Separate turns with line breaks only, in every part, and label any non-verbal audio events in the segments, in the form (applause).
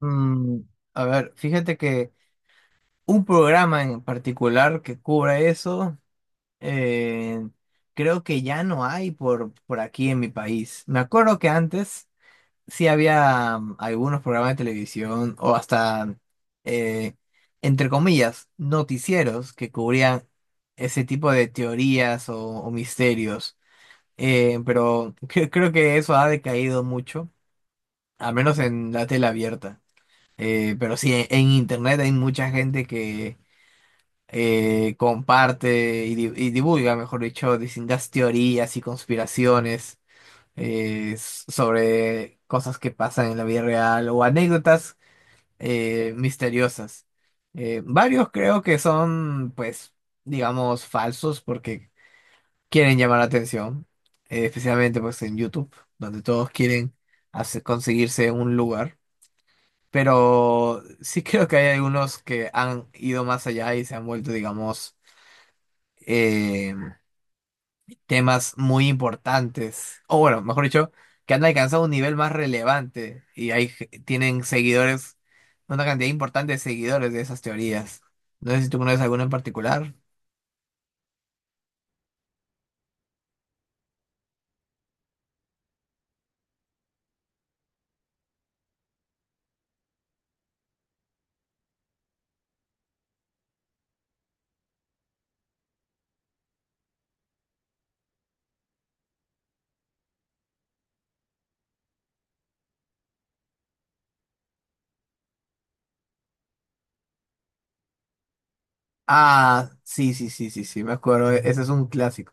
Mm, a ver, fíjate que un programa en particular que cubra eso, eh, creo que ya no hay por aquí en mi país. Me acuerdo que antes sí había algunos programas de televisión o hasta, eh, entre comillas, noticieros que cubrían ese tipo de teorías o misterios. Pero (laughs) creo que eso ha decaído mucho, al menos en la tele abierta. Pero sí, en internet hay mucha gente que comparte y divulga, mejor dicho, distintas teorías y conspiraciones sobre cosas que pasan en la vida real o anécdotas misteriosas. Varios creo que son, pues, digamos, falsos porque quieren llamar la atención, especialmente pues en YouTube, donde todos quieren conseguirse un lugar. Pero sí creo que hay algunos que han ido más allá y se han vuelto, digamos, eh, temas muy importantes. O bueno, mejor dicho, que han alcanzado un nivel más relevante y hay, tienen seguidores, una cantidad importante de seguidores de esas teorías. No sé si tú conoces alguna en particular. Ah, sí, sí, sí, sí, sí, me acuerdo. Ese es un clásico.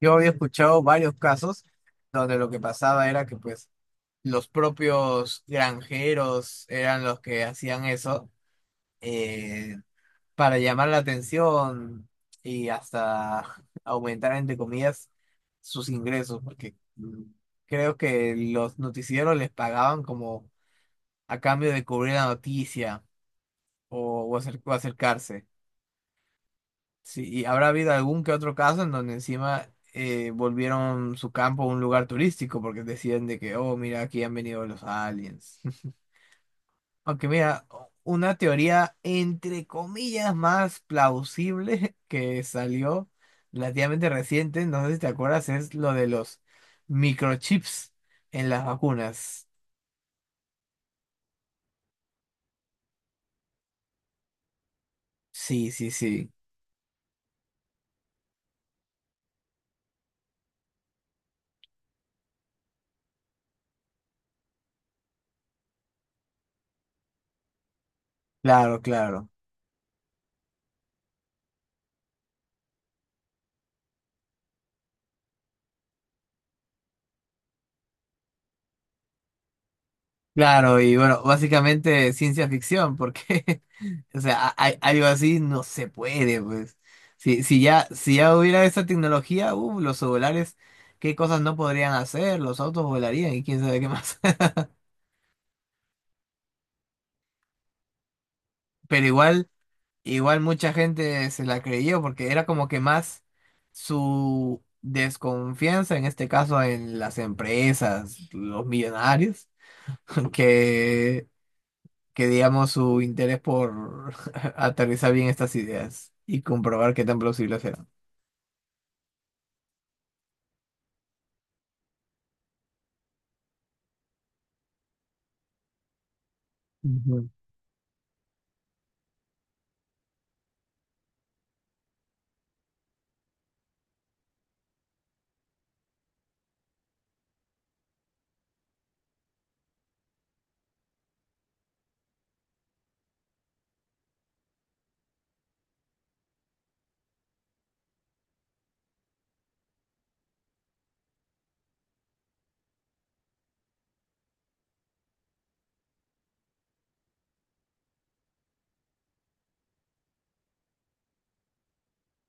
Yo había escuchado varios casos donde lo que pasaba era que pues los propios granjeros eran los que hacían eso eh, para llamar la atención y hasta aumentar, entre comillas, sus ingresos, porque creo que los noticieros les pagaban como a cambio de cubrir la noticia o, o, o acercarse. Sí, y habrá habido algún que otro caso en donde encima volvieron su campo un lugar turístico porque decían de que, oh, mira, aquí han venido los aliens. Aunque mira, una teoría entre comillas más plausible (laughs) que salió relativamente reciente, no sé si te acuerdas, es lo de los microchips en las vacunas. Sí, sí, sí. Claro, claro. Claro, y bueno, básicamente ciencia ficción, porque (laughs) o sea, algo así no se puede, pues. Si ya, si ya hubiera esa tecnología, los celulares, qué cosas no podrían hacer, los autos volarían y quién sabe qué más. (laughs) Pero igual. Igual mucha gente se la creyó porque era como que más su desconfianza, en este caso en las empresas, los millonarios, (laughs) que, que digamos su interés por (laughs) aterrizar bien estas ideas y comprobar qué tan plausibles eran. Ujú.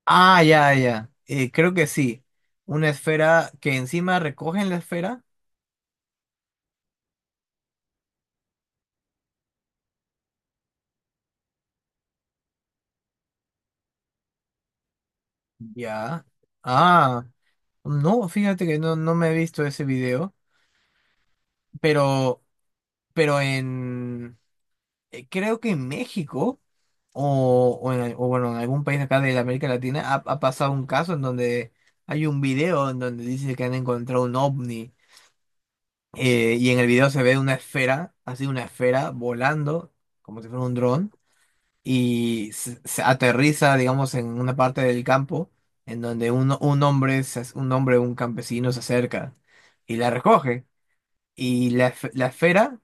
Ah, ya, ya. Creo que sí. Una esfera que encima recogen la esfera. Ya. Ah, no, fíjate que no, no me he visto ese video, pero... Pero creo que en México o bueno, en algún país acá de la América Latina ha, ha pasado un caso en donde hay un video en donde dice que han encontrado un ovni, y en el video se ve una esfera, así una esfera volando como si fuera un dron se aterriza, digamos, en una parte del campo en donde un hombre, un hombre, un campesino se acerca y la recoge. Y la esfera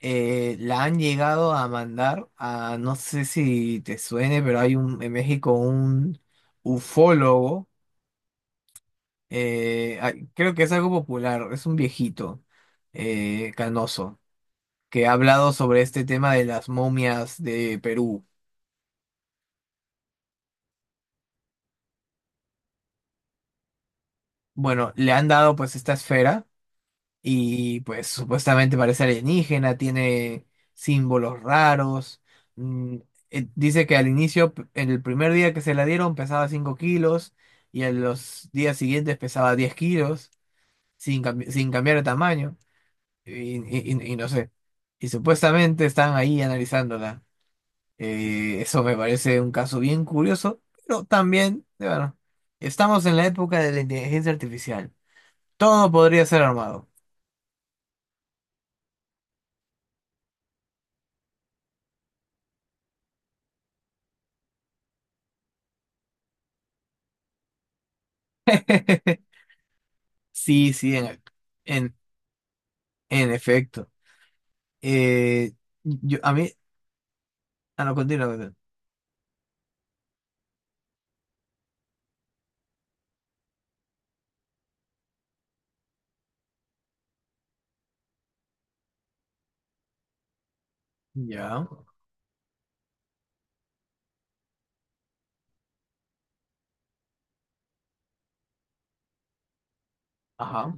la han llegado a mandar a, no sé si te suene, pero hay un, en México un ufólogo, creo que es algo popular, es un viejito canoso, que ha hablado sobre este tema de las momias de Perú. Bueno, le han dado pues esta esfera. Y pues supuestamente parece alienígena, tiene símbolos raros. mm, Dice que al inicio, en el primer día que se la dieron pesaba 5 kilos y en los días siguientes pesaba 10 kilos sin, sin cambiar de tamaño. Y no sé. Y supuestamente están ahí analizándola. Eso me parece un caso bien curioso, pero también, bueno, estamos en la época de la inteligencia artificial. Todo podría ser armado. (laughs) Sí, sí, en, en efecto. Eh, a mí, a lo continuo. Continúa. Ya, ajá,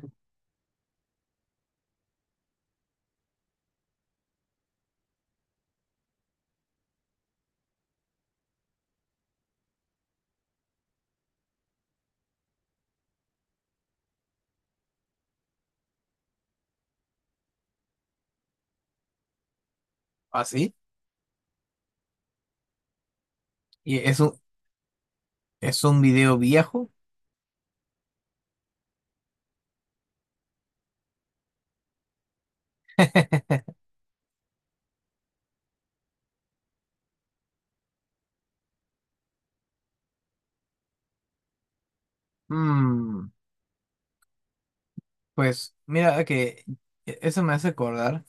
así. Y es un video viejo. (laughs) Mm, pues mira que eso me hace acordar.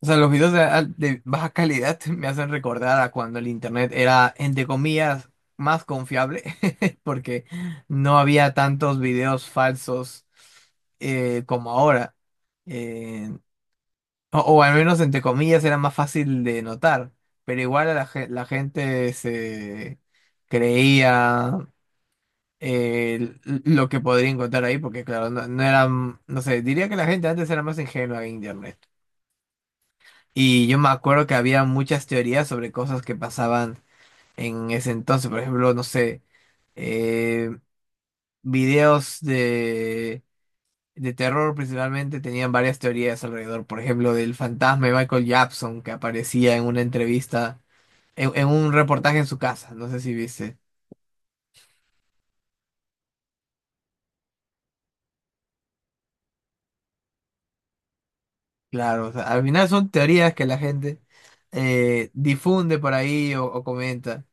O sea, los videos de, de baja calidad (laughs) me hacen recordar a cuando el internet era, entre comillas, más confiable, (laughs) porque no había tantos videos falsos como ahora. Eh, O, o al menos entre comillas era más fácil de notar, pero igual a la gente se creía eh, lo que podría encontrar ahí, porque claro, no, no eran, no sé, diría que la gente antes era más ingenua en internet. Y yo me acuerdo que había muchas teorías sobre cosas que pasaban en ese entonces, por ejemplo, no sé, eh, videos de terror principalmente tenían varias teorías alrededor, por ejemplo, del fantasma de Michael Jackson que aparecía en una entrevista, en un reportaje en su casa, no sé si viste. Claro, o sea, al final son teorías que la gente difunde por ahí o comenta.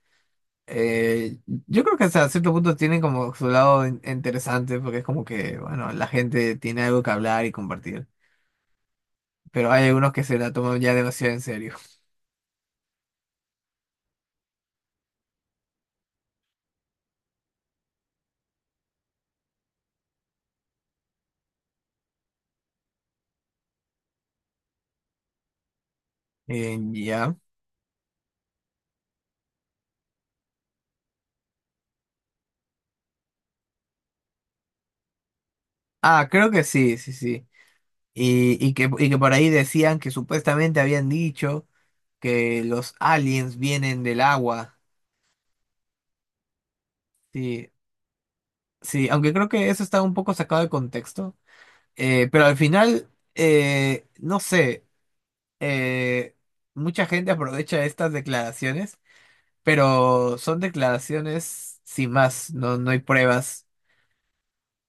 Eh, yo creo que hasta cierto punto tienen como su lado interesante porque es como que, bueno, la gente tiene algo que hablar y compartir. Pero hay algunos que se la toman ya demasiado en serio. (laughs) Ya. Ah, creo que sí, sí, sí. Y que por ahí decían que supuestamente habían dicho que los aliens vienen del agua. Sí, sí, aunque creo que eso está un poco sacado de contexto. Pero al final, no sé, eh, mucha gente aprovecha estas declaraciones, pero son declaraciones sin más, no, no hay pruebas.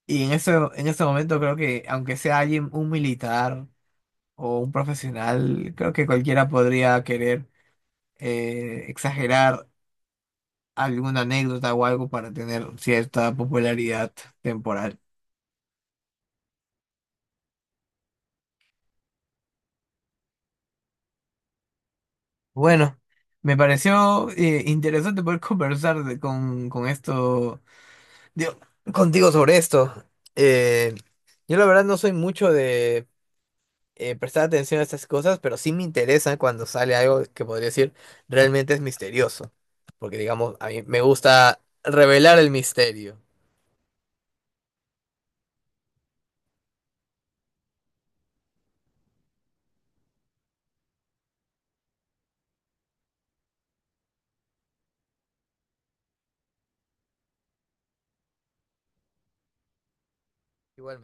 Y en eso, en ese momento creo que aunque sea alguien, un militar o un profesional, creo que cualquiera podría querer. Exagerar alguna anécdota o algo para tener cierta popularidad temporal. Bueno, me pareció interesante poder (laughs) con esto, digo, contigo sobre esto. Eh, yo la verdad no soy mucho de prestar atención a estas cosas, pero sí me interesa cuando sale algo que podría decir realmente es misterioso, porque digamos, a mí me gusta revelar el misterio. Igualmente.